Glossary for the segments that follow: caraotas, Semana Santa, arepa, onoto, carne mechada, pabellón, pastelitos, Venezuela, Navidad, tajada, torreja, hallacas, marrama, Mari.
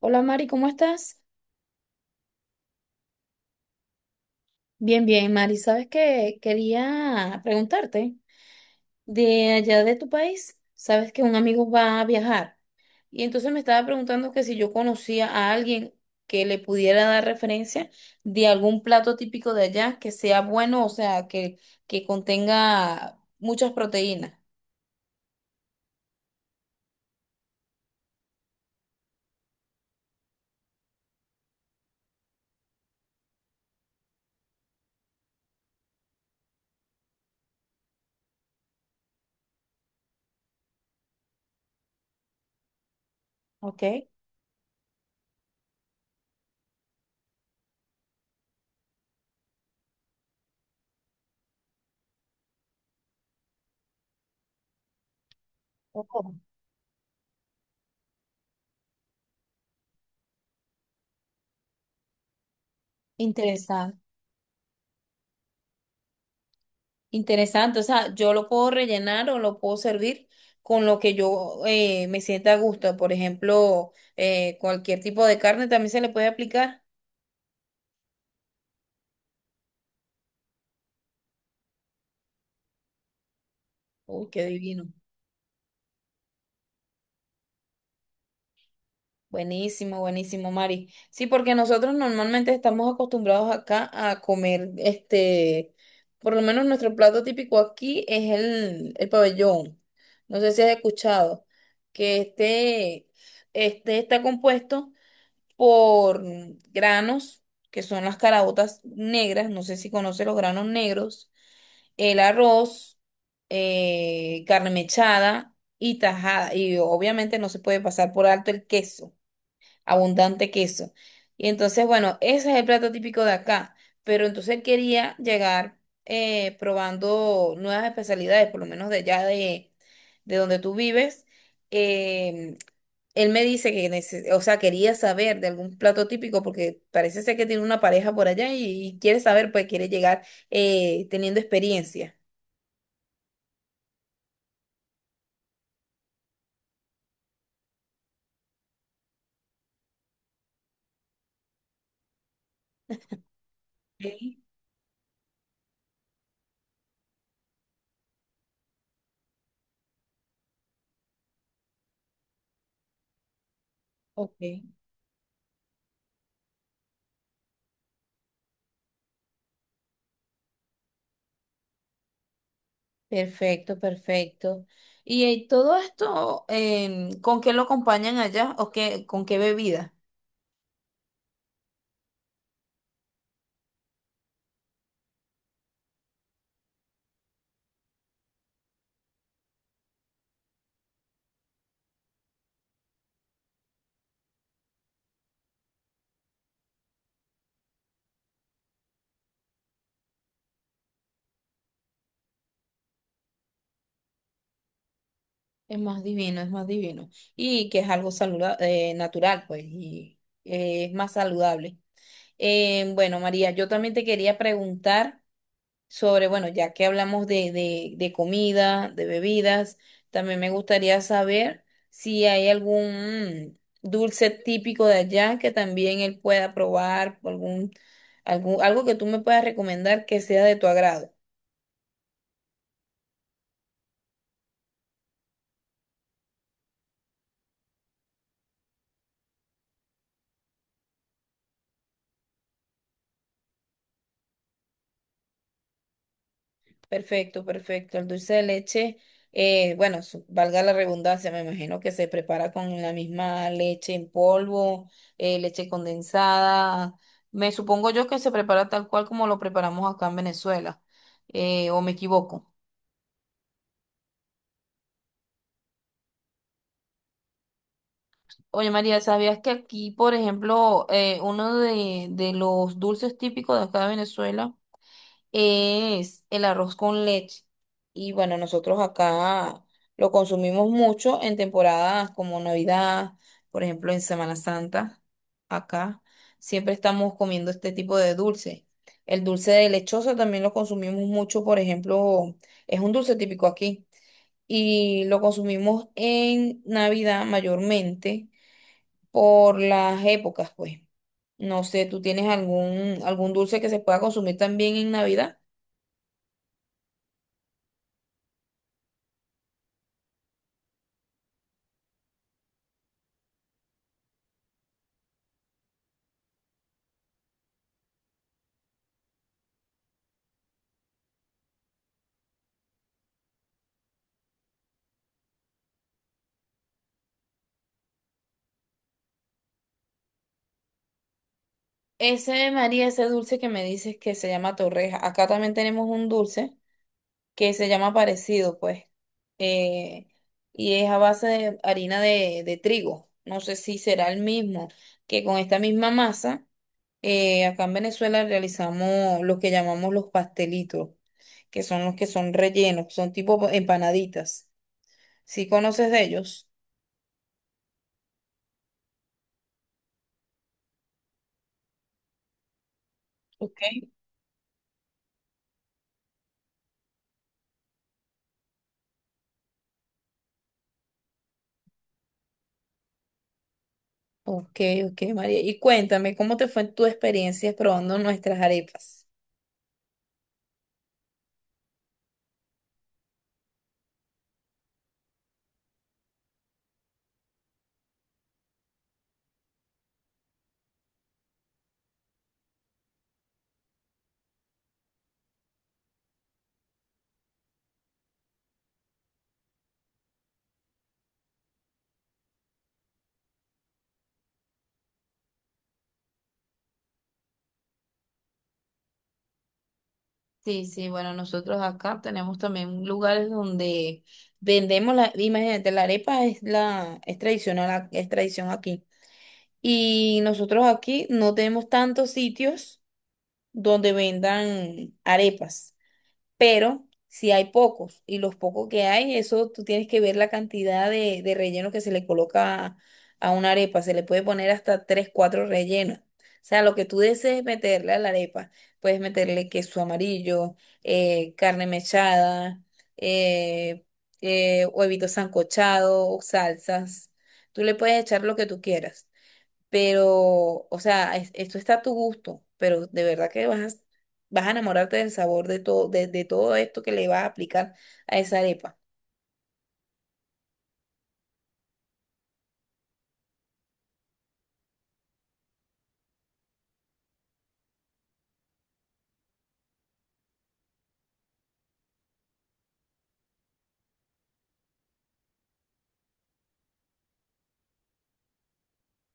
Hola Mari, ¿cómo estás? Bien, bien, Mari. ¿Sabes qué? Quería preguntarte de allá de tu país. Sabes que un amigo va a viajar y entonces me estaba preguntando que si yo conocía a alguien que le pudiera dar referencia de algún plato típico de allá que sea bueno, o sea, que contenga muchas proteínas. Ok. Oh, interesante. Interesante, o sea, yo lo puedo rellenar o lo puedo servir con lo que yo me sienta a gusto. Por ejemplo, cualquier tipo de carne también se le puede aplicar. Uy, qué divino. Buenísimo, buenísimo, Mari. Sí, porque nosotros normalmente estamos acostumbrados acá a comer, por lo menos nuestro plato típico aquí es el pabellón. No sé si has escuchado que este está compuesto por granos, que son las caraotas negras, no sé si conoce los granos negros, el arroz, carne mechada y tajada. Y obviamente no se puede pasar por alto el queso, abundante queso. Y entonces, bueno, ese es el plato típico de acá. Pero entonces él quería llegar probando nuevas especialidades, por lo menos de allá de donde tú vives. Em, Él me dice que, o sea, quería saber de algún plato típico porque parece ser que tiene una pareja por allá y quiere saber, pues quiere llegar teniendo experiencia. Ok. Perfecto, perfecto. Y todo esto, ¿con qué lo acompañan allá o qué, con qué bebida? Es más divino, es más divino. Y que es algo natural, pues, y es más saludable. Bueno, María, yo también te quería preguntar sobre, bueno, ya que hablamos de comida, de bebidas, también me gustaría saber si hay algún dulce típico de allá que también él pueda probar, algún, algo que tú me puedas recomendar que sea de tu agrado. Perfecto, perfecto. El dulce de leche, bueno, valga la redundancia, me imagino que se prepara con la misma leche en polvo, leche condensada. Me supongo yo que se prepara tal cual como lo preparamos acá en Venezuela, o me equivoco. Oye, María, ¿sabías que aquí, por ejemplo, uno de los dulces típicos de acá de Venezuela es el arroz con leche? Y bueno, nosotros acá lo consumimos mucho en temporadas como Navidad, por ejemplo, en Semana Santa, acá siempre estamos comiendo este tipo de dulce. El dulce de lechosa también lo consumimos mucho, por ejemplo, es un dulce típico aquí y lo consumimos en Navidad mayormente por las épocas, pues. No sé, ¿tú tienes algún dulce que se pueda consumir también en Navidad? Ese, María, ese dulce que me dices que se llama torreja. Acá también tenemos un dulce que se llama parecido, pues. Eh, y es a base de harina de trigo. No sé si será el mismo, que con esta misma masa, acá en Venezuela realizamos lo que llamamos los pastelitos, que son los que son rellenos, son tipo empanaditas. ¿Sí conoces de ellos? Ok. Ok, ok, María. Y cuéntame, ¿cómo te fue tu experiencia probando nuestras arepas? Sí, sí, bueno, nosotros acá tenemos también lugares donde vendemos la, imagínate, la arepa es la, es tradicional, es tradición aquí. Y nosotros aquí no tenemos tantos sitios donde vendan arepas, pero si hay pocos y los pocos que hay, eso tú tienes que ver la cantidad de relleno que se le coloca a una arepa. Se le puede poner hasta tres, cuatro rellenos. O sea, lo que tú desees meterle a la arepa, puedes meterle queso amarillo, carne mechada, eh, huevitos sancochados, salsas. Tú le puedes echar lo que tú quieras. Pero, o sea, esto está a tu gusto, pero de verdad que vas a enamorarte del sabor de todo, de todo esto que le vas a aplicar a esa arepa.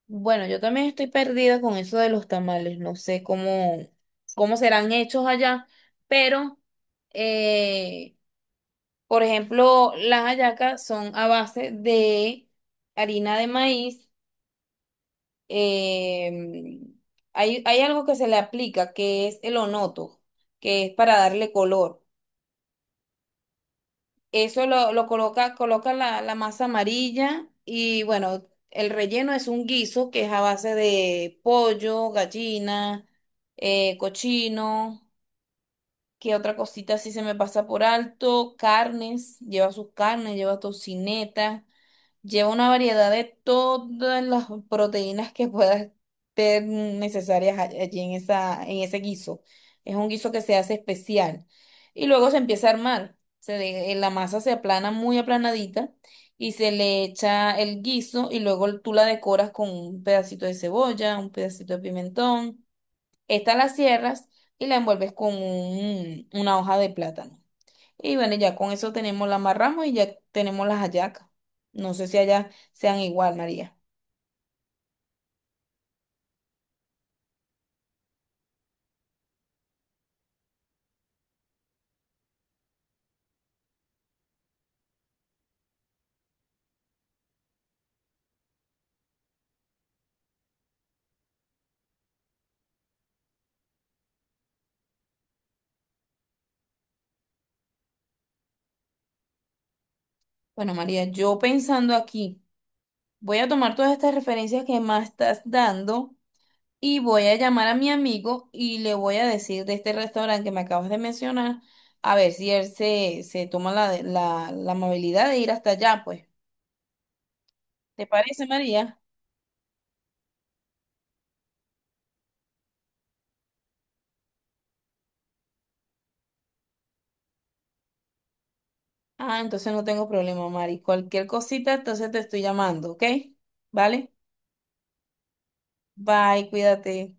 Bueno, yo también estoy perdida con eso de los tamales, no sé cómo, cómo serán hechos allá, pero, eh, por ejemplo, las hallacas son a base de harina de maíz, eh, hay algo que se le aplica que es el onoto, que es para darle color. Eso lo coloca, coloca la masa amarilla y bueno, el relleno es un guiso que es a base de pollo, gallina, cochino, que otra cosita así se me pasa por alto, carnes, lleva sus carnes, lleva tocineta. Lleva una variedad de todas las proteínas que puedan ser necesarias allí en esa, en ese guiso. Es un guiso que se hace especial. Y luego se empieza a armar. La masa se aplana muy aplanadita y se le echa el guiso y luego tú la decoras con un pedacito de cebolla, un pedacito de pimentón. Esta la cierras y la envuelves con una hoja de plátano. Y bueno, ya con eso tenemos la marrama y ya tenemos las hallacas. No sé si allá sean igual, María. Bueno, María, yo pensando aquí, voy a tomar todas estas referencias que más estás dando y voy a llamar a mi amigo y le voy a decir de este restaurante que me acabas de mencionar, a ver si él se toma la amabilidad de ir hasta allá, pues. ¿Te parece, María? Ah, entonces no tengo problema, Mari. Cualquier cosita, entonces te estoy llamando, ¿ok? ¿Vale? Bye, cuídate.